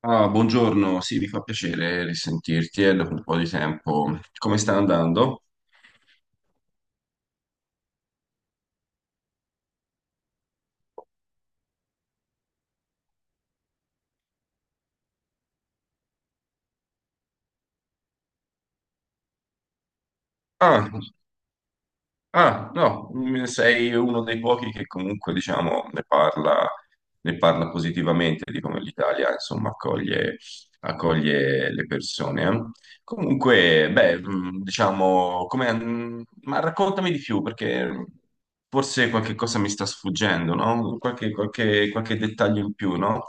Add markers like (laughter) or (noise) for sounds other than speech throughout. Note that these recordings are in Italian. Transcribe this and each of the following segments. Ah, buongiorno, sì, mi fa piacere risentirti dopo un po' di tempo. Come sta andando? Ah, Ah, no, mm, Sei uno dei pochi che comunque, diciamo, ne parla positivamente di come l'Italia, insomma, accoglie le persone, eh. Comunque, beh, diciamo, ma raccontami di più, perché forse qualche cosa mi sta sfuggendo, no? Qualche dettaglio in più, no?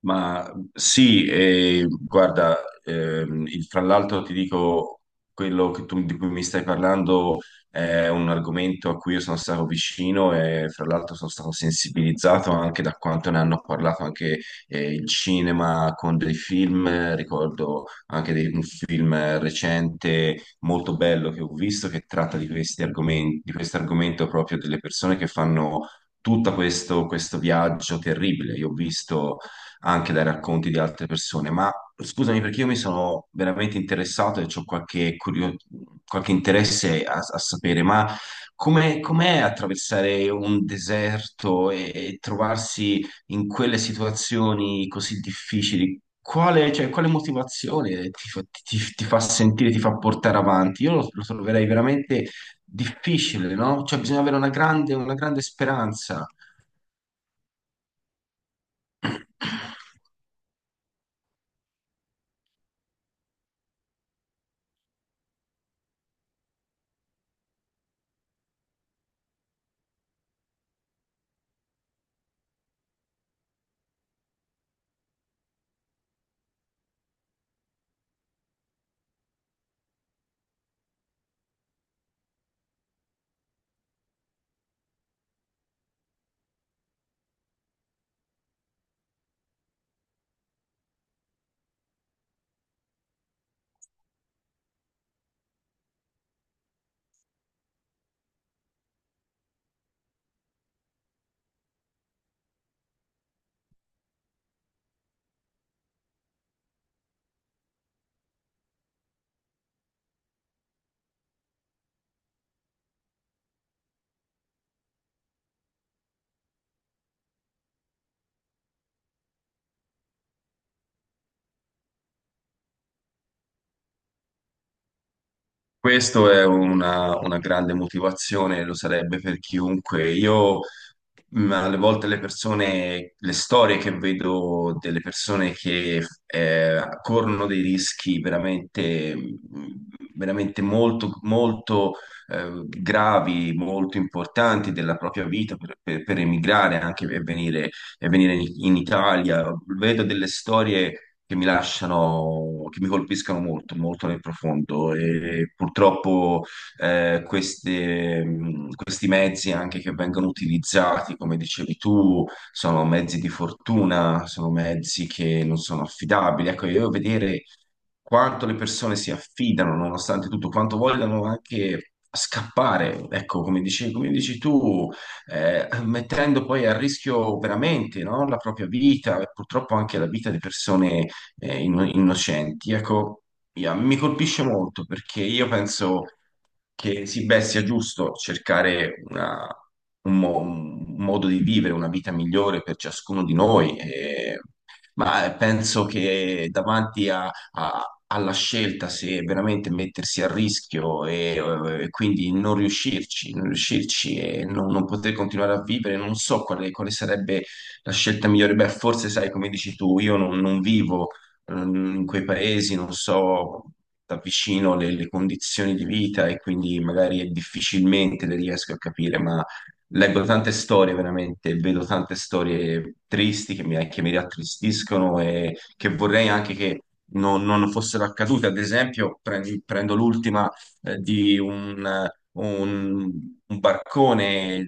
Ma sì, e guarda, fra l'altro ti dico, di cui mi stai parlando è un argomento a cui io sono stato vicino e fra l'altro sono stato sensibilizzato anche da quanto ne hanno parlato anche il cinema con dei film, ricordo un film recente molto bello che ho visto che tratta di questi argomenti, di questo argomento proprio delle persone che fanno tutto questo, questo viaggio terribile. Io ho visto anche dai racconti di altre persone, ma scusami perché io mi sono veramente interessato e ho qualche interesse a, a sapere, ma come, com'è attraversare un deserto e trovarsi in quelle situazioni così difficili? Quale, cioè, quale motivazione ti fa, ti fa sentire, ti fa portare avanti? Io lo troverei veramente difficile, no? Cioè, bisogna avere una grande speranza. (clears throat) Questo è una grande motivazione, lo sarebbe per chiunque. Io ma alle volte le persone, le storie che vedo delle persone che corrono dei rischi veramente, veramente molto, molto gravi, molto importanti della propria vita per emigrare anche e venire in Italia, vedo delle storie che mi lasciano, che mi colpiscono molto, molto nel profondo e purtroppo questi mezzi anche che vengono utilizzati, come dicevi tu, sono mezzi di fortuna, sono mezzi che non sono affidabili. Ecco, io vedere quanto le persone si affidano, nonostante tutto, quanto vogliono anche scappare, ecco, come dici tu, mettendo poi a rischio veramente, no, la propria vita e purtroppo anche la vita di persone innocenti. Ecco, io- mi colpisce molto perché io penso che sì, beh, sia giusto cercare un modo di vivere, una vita migliore per ciascuno di noi, ma penso che davanti alla scelta se veramente mettersi a rischio e quindi non riuscirci, non riuscirci non poter continuare a vivere, non so quale sarebbe la scelta migliore. Beh, forse sai, come dici tu, io non vivo in quei paesi, non so da vicino le condizioni di vita e quindi magari difficilmente le riesco a capire, ma leggo tante storie veramente, vedo tante storie tristi che mi rattristiscono e che vorrei anche che non fossero accadute. Ad esempio, prendo l'ultima eh, di un un, un barcone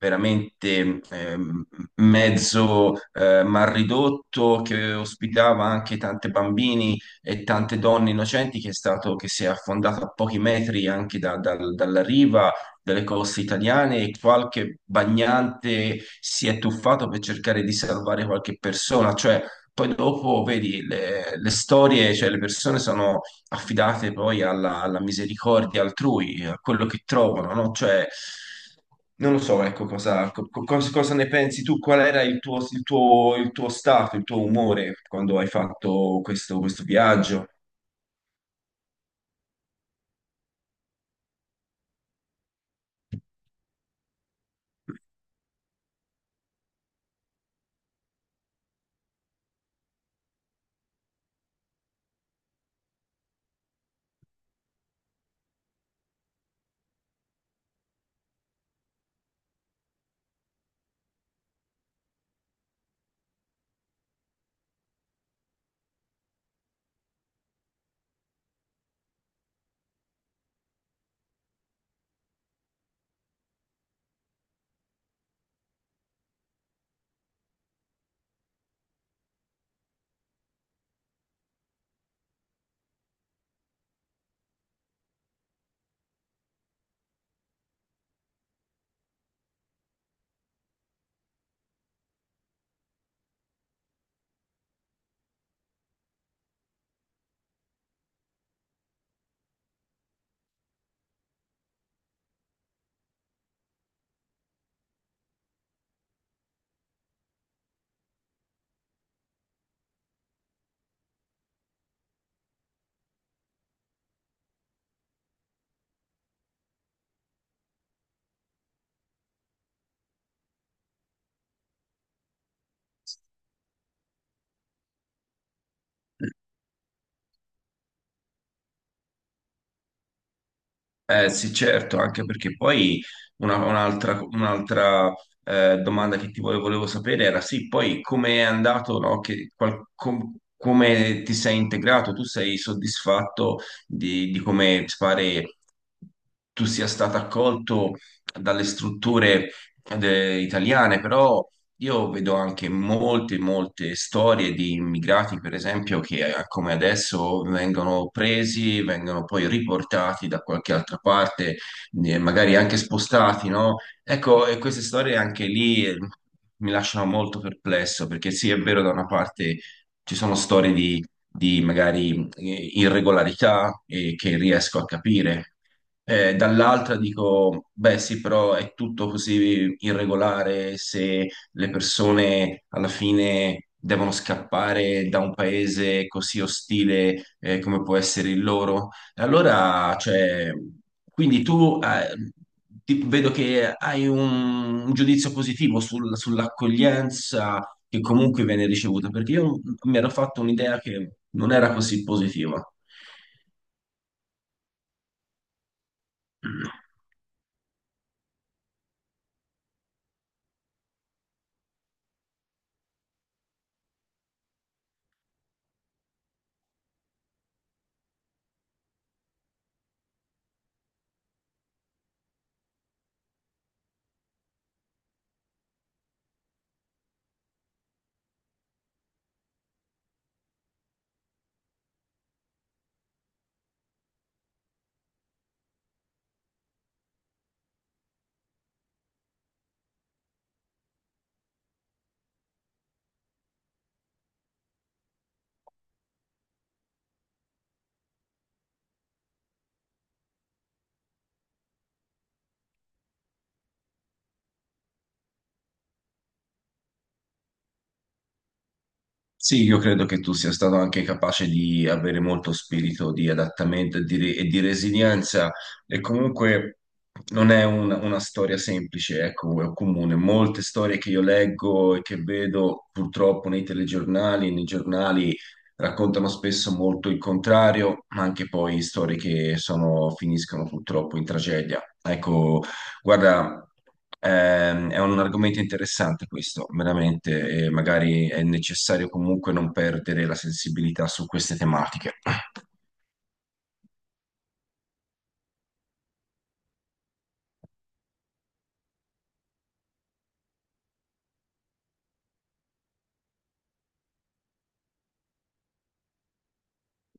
veramente mezzo mal ridotto che ospitava anche tanti bambini e tante donne innocenti che è stato, che si è affondato a pochi metri anche dalla riva delle coste italiane, e qualche bagnante si è tuffato per cercare di salvare qualche persona, cioè poi dopo vedi le storie, cioè le persone sono affidate poi alla misericordia altrui, a quello che trovano, no? Cioè, non lo so, ecco, cosa, co- co- cosa- cosa ne pensi tu? Qual era il tuo stato, il tuo umore quando hai fatto questo, questo viaggio? Eh sì, certo, anche perché poi un'altra, domanda volevo sapere era sì, poi come è andato, no? Che come ti sei integrato? Tu sei soddisfatto di come ti pare tu sia stato accolto dalle strutture italiane, però io vedo anche molte, molte storie di immigrati, per esempio, che come adesso vengono presi, vengono poi riportati da qualche altra parte, magari anche spostati, no? Ecco, e queste storie anche lì, mi lasciano molto perplesso, perché sì, è vero, da una parte ci sono storie di magari irregolarità, che riesco a capire, dall'altra dico, beh sì, però è tutto così irregolare se le persone alla fine devono scappare da un paese così ostile, come può essere il loro. E allora, cioè, quindi tu, ti- vedo che hai un giudizio positivo sull'accoglienza che comunque viene ricevuta, perché io mi ero fatto un'idea che non era così positiva. Sì, io credo che tu sia stato anche capace di avere molto spirito di adattamento e e di resilienza e comunque non è una storia semplice, ecco, o comune. Molte storie che io leggo e che vedo purtroppo nei telegiornali, nei giornali raccontano spesso molto il contrario, ma anche poi storie che finiscono purtroppo in tragedia. Ecco, guarda, è un argomento interessante questo, veramente, e magari è necessario comunque non perdere la sensibilità su queste tematiche.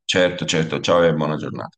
Certo, certo. Ciao e buona giornata.